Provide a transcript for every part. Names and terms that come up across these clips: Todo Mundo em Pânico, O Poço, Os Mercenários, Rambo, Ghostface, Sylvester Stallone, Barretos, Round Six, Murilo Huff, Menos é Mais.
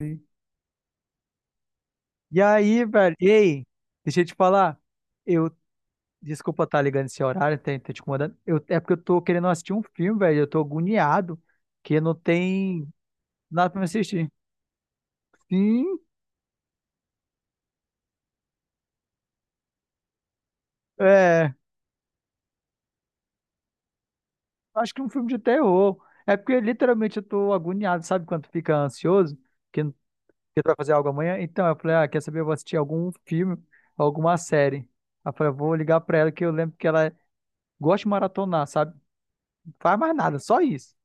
Sim. E aí, velho, ei, deixa eu te falar. Eu, desculpa estar ligando esse horário, tá te incomodando. É porque eu tô querendo assistir um filme, velho. Eu tô agoniado, que não tem nada pra me assistir. Sim, é, acho que é um filme de terror. É porque literalmente eu tô agoniado, sabe quando tu fica ansioso, que, não- que tu vai fazer algo amanhã? Então, eu falei, ah, quer saber? Eu vou assistir algum filme, alguma série. Aí eu falei, eu vou ligar pra ela, que eu lembro que ela gosta de maratonar, sabe? Não faz mais nada, só isso.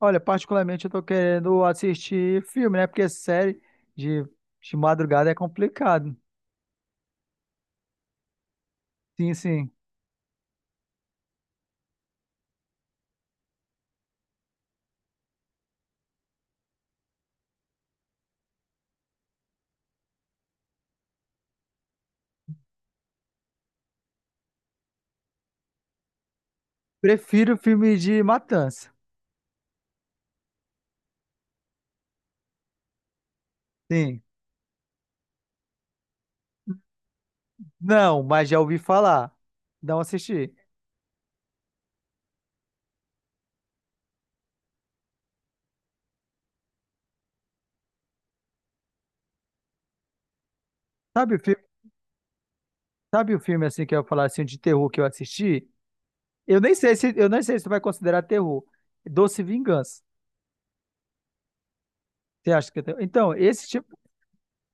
Olha, particularmente eu tô querendo assistir filme, né? Porque série de, de madrugada é complicado. Sim, sim. Prefiro filme de matança. Sim. Não, mas já ouvi falar. Não assisti. Sabe o filme, sabe o filme assim que eu ia falar assim de terror que eu assisti? Eu nem sei se tu vai considerar terror. Doce Vingança. Você acha que é terror? Então, esse tipo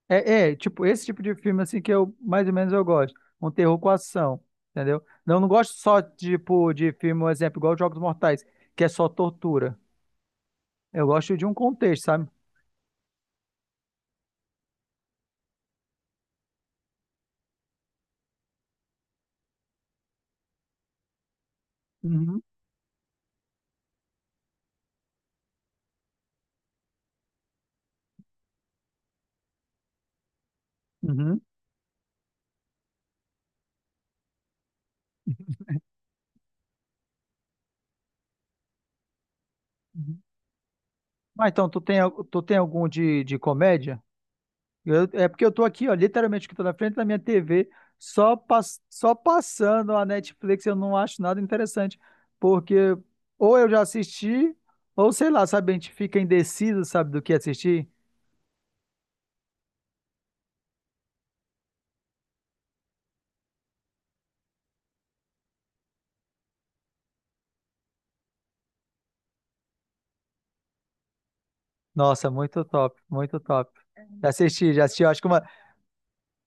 é, tipo, esse tipo de filme, assim, que eu, mais ou menos, eu gosto. Um terror com ação, entendeu? Não, não gosto só, tipo, de filme, um exemplo, igual Jogos Mortais, que é só tortura. Eu gosto de um contexto, sabe? Uhum, uhum, uhum. Ah, então, tu tem algum de comédia? É porque eu tô aqui, ó, literalmente que tô na frente da minha TV, só, só passando a Netflix, eu não acho nada interessante, porque ou eu já assisti, ou sei lá, sabe, a gente fica indeciso, sabe, do que assistir. Nossa, muito top, muito top. Já assisti, eu acho que uma,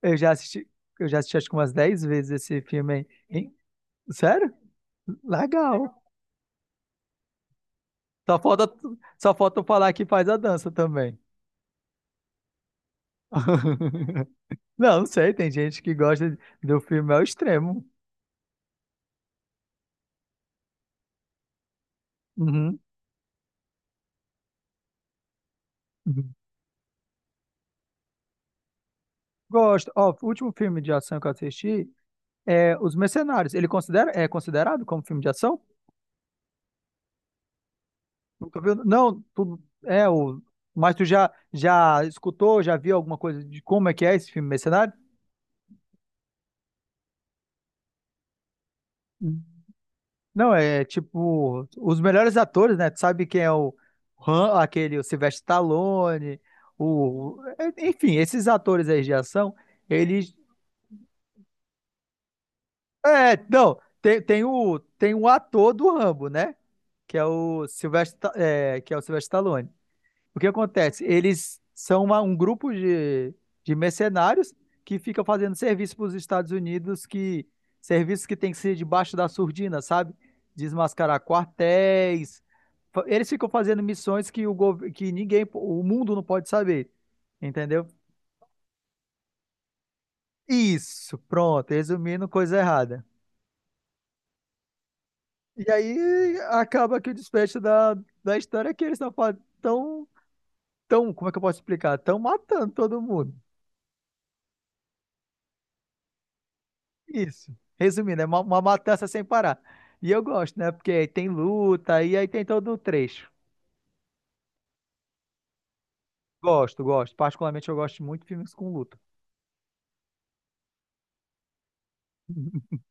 eu já assisti, eu já assisti acho que umas 10 vezes esse filme aí. Sério? Legal. Só falta, só falta eu falar que faz a dança também. Não, não sei, tem gente que gosta do filme ao extremo. Uhum, uhum. Gosto. Ó, o último filme de ação que eu assisti é Os Mercenários. Ele considera, é considerado como filme de ação? Nunca viu? Não, tu, é o. Mas tu já escutou, já viu alguma coisa de como é que é esse filme Mercenário? Não, é tipo, os melhores atores, né? Tu sabe quem é o Han, aquele, o Sylvester Stallone, Enfim, esses atores aí de ação, eles. Não, tem, tem o ator do Rambo, né? Que é o Sylvester Stallone. O que acontece? Eles são um grupo de, mercenários que fica fazendo serviço para os Estados Unidos, que serviços que tem que ser debaixo da surdina, sabe? Desmascarar quartéis. Eles ficam fazendo missões que ninguém, o mundo não pode saber, entendeu? Isso, pronto, resumindo, coisa errada. E aí acaba que o desfecho da história é que eles estão tão, fa- tão, tão- como é que eu posso explicar? Estão matando todo mundo. Isso. Resumindo, é uma matança sem parar. E eu gosto, né? Porque aí tem luta e aí tem todo o trecho. Gosto, gosto. Particularmente eu gosto muito de filmes com luta.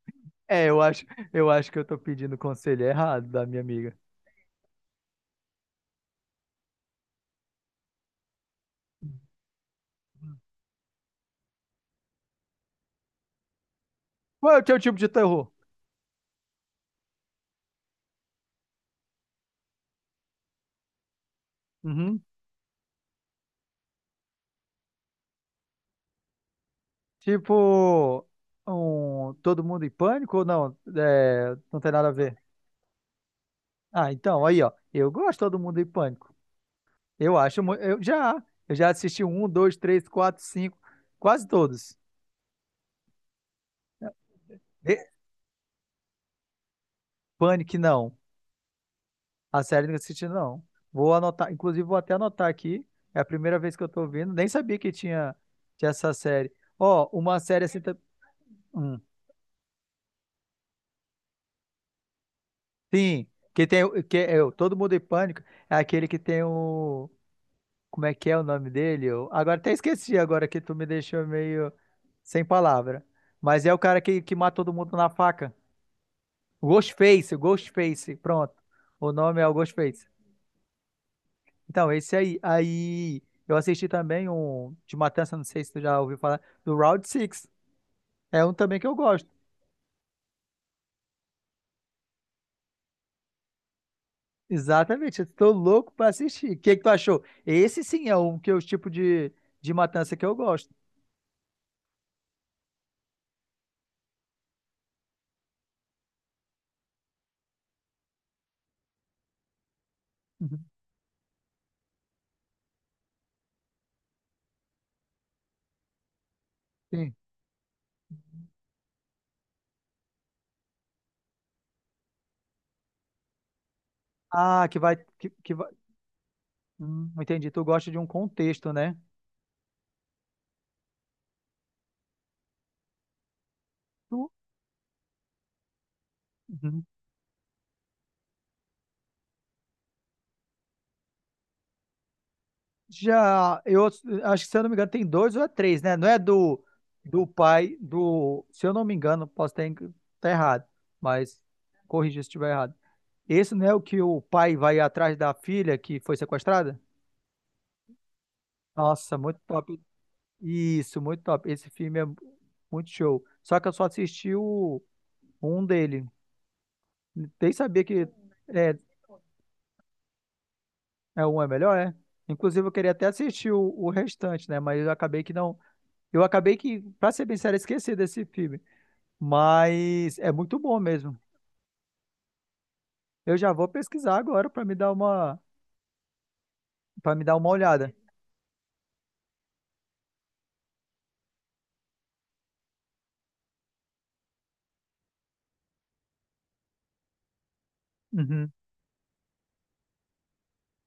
É, eu acho, eu acho que eu tô pedindo conselho errado da minha amiga. Qual é o teu tipo de terror? Uhum. Tipo, um, Todo Mundo em Pânico ou não? É, não tem nada a ver. Ah, então, aí, ó. Eu gosto de Todo Mundo em Pânico. Eu acho, mu- eu já, eu já assisti um, dois, três, quatro, cinco, quase todos. Panic, não. A série que eu não. Vou anotar, inclusive vou até anotar aqui. É a primeira vez que eu tô ouvindo. Nem sabia que tinha essa série. Ó, uma série assim. Hum, sim, que tem. Que é, o Todo Mundo em Pânico é aquele que tem o. Como é que é o nome dele? Eu, agora até esqueci agora que tu me deixou meio sem palavra. Mas é o cara que mata todo mundo na faca. Ghostface, Ghostface. Pronto. O nome é o Ghostface. Então, esse aí. Aí eu assisti também um de Matança, não sei se tu já ouviu falar, do Round Six. É um também que eu gosto. Exatamente, eu tô louco pra assistir. O que que tu achou? Esse sim é um que é o tipo de matança que eu gosto. Uhum. Sim. Ah, que vai, que vai. Entendi. Tu gosta de um contexto, né? Tu- Uhum. Já, eu acho que se eu não me engano tem dois ou é três, né? Não é do se eu não me engano, posso estar tá errado, mas corrija se estiver errado. Esse não é o que o pai vai atrás da filha que foi sequestrada? Nossa, muito top. Isso, muito top. Esse filme é muito show. Só que eu só assisti o um dele. Nem sabia que é, é um é melhor, é? Inclusive, eu queria até assistir o restante, né? Mas eu acabei que não. Eu acabei que, pra ser bem sério, esqueci desse filme. Mas é muito bom mesmo. Eu já vou pesquisar agora pra me dar para me dar uma olhada. Uhum.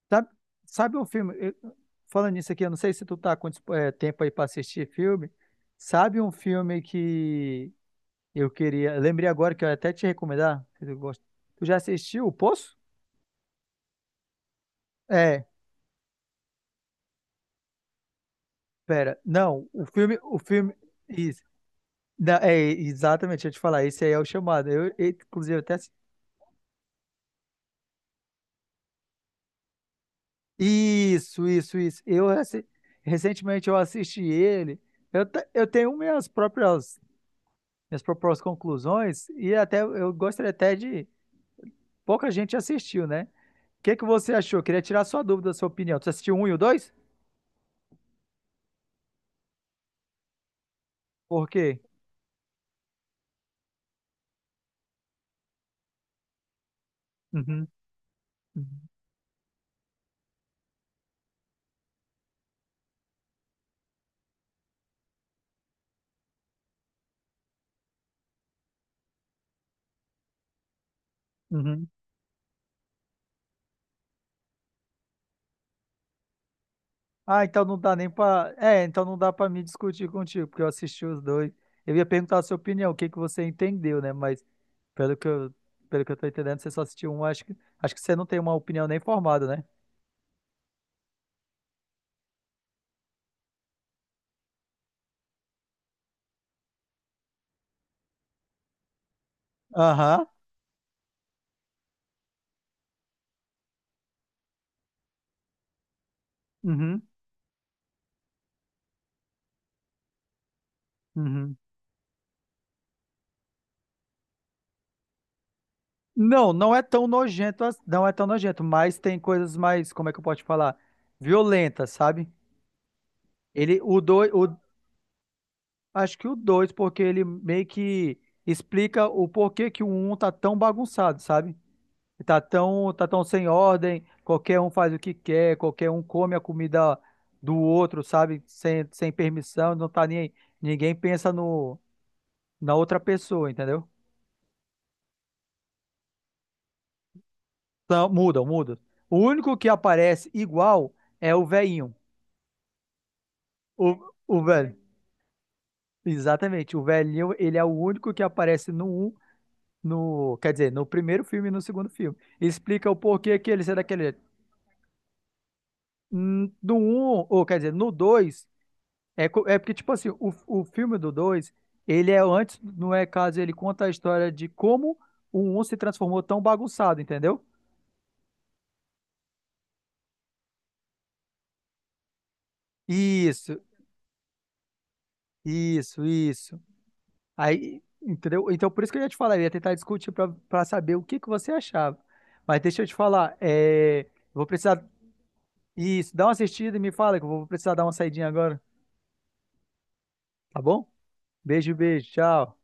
Sabe, sabe um filme? Falando nisso aqui, eu não sei se tu tá com tempo aí pra assistir filme. Sabe um filme que eu queria. Lembrei agora que eu ia até te recomendar. Que Eu gosto. Tu já assistiu O Poço? É, pera. Não, o filme. O filme. Isso. Não, é, exatamente, deixa eu te falar. Esse aí é o chamado. Inclusive, Isso, isso, isso. Recentemente eu assisti ele. Eu tenho minhas próprias conclusões, e até eu gostaria até de pouca gente assistiu, né? O que que você achou? Queria tirar sua dúvida, sua opinião. Você assistiu um e o dois? Por quê? Uhum, uhum, uhum. Ah, então não dá nem pra. É, então não dá pra me discutir contigo, porque eu assisti os dois. Eu ia perguntar a sua opinião, o que que você entendeu, né? Mas pelo que eu, pelo que eu tô entendendo, você só assistiu um, acho que você não tem uma opinião nem formada, né? Aham. Uhum. Uhum. Não, não é tão nojento, não é tão nojento, mas tem coisas mais, como é que eu posso te falar? Violentas, sabe? O 2, acho que o 2 porque ele meio que explica o porquê que o um tá tão bagunçado, sabe? Tá tão sem ordem, qualquer um faz o que quer, qualquer um come a comida do outro, sabe? Sem permissão, não tá nem aí. Ninguém pensa no, na outra pessoa, entendeu? Então, muda, muda. O único que aparece igual é o velhinho. O, o velho. Exatamente. O velhinho, ele é o único que aparece no um, no, quer dizer, no primeiro filme e no segundo filme. Explica o porquê que ele é daquele jeito. No 1, ou quer dizer, no 2 é porque, tipo assim, o filme do 2 ele é antes, não é caso, ele conta a história de como o um se transformou tão bagunçado, entendeu? Isso, isso, isso. Aí, entendeu? Então, por isso que eu ia te falar, eu ia tentar discutir pra saber o que que você achava. Mas deixa eu te falar, eu vou precisar, isso, dá uma assistida e me fala que eu vou precisar dar uma saidinha agora, tá bom? Beijo, beijo. Tchau.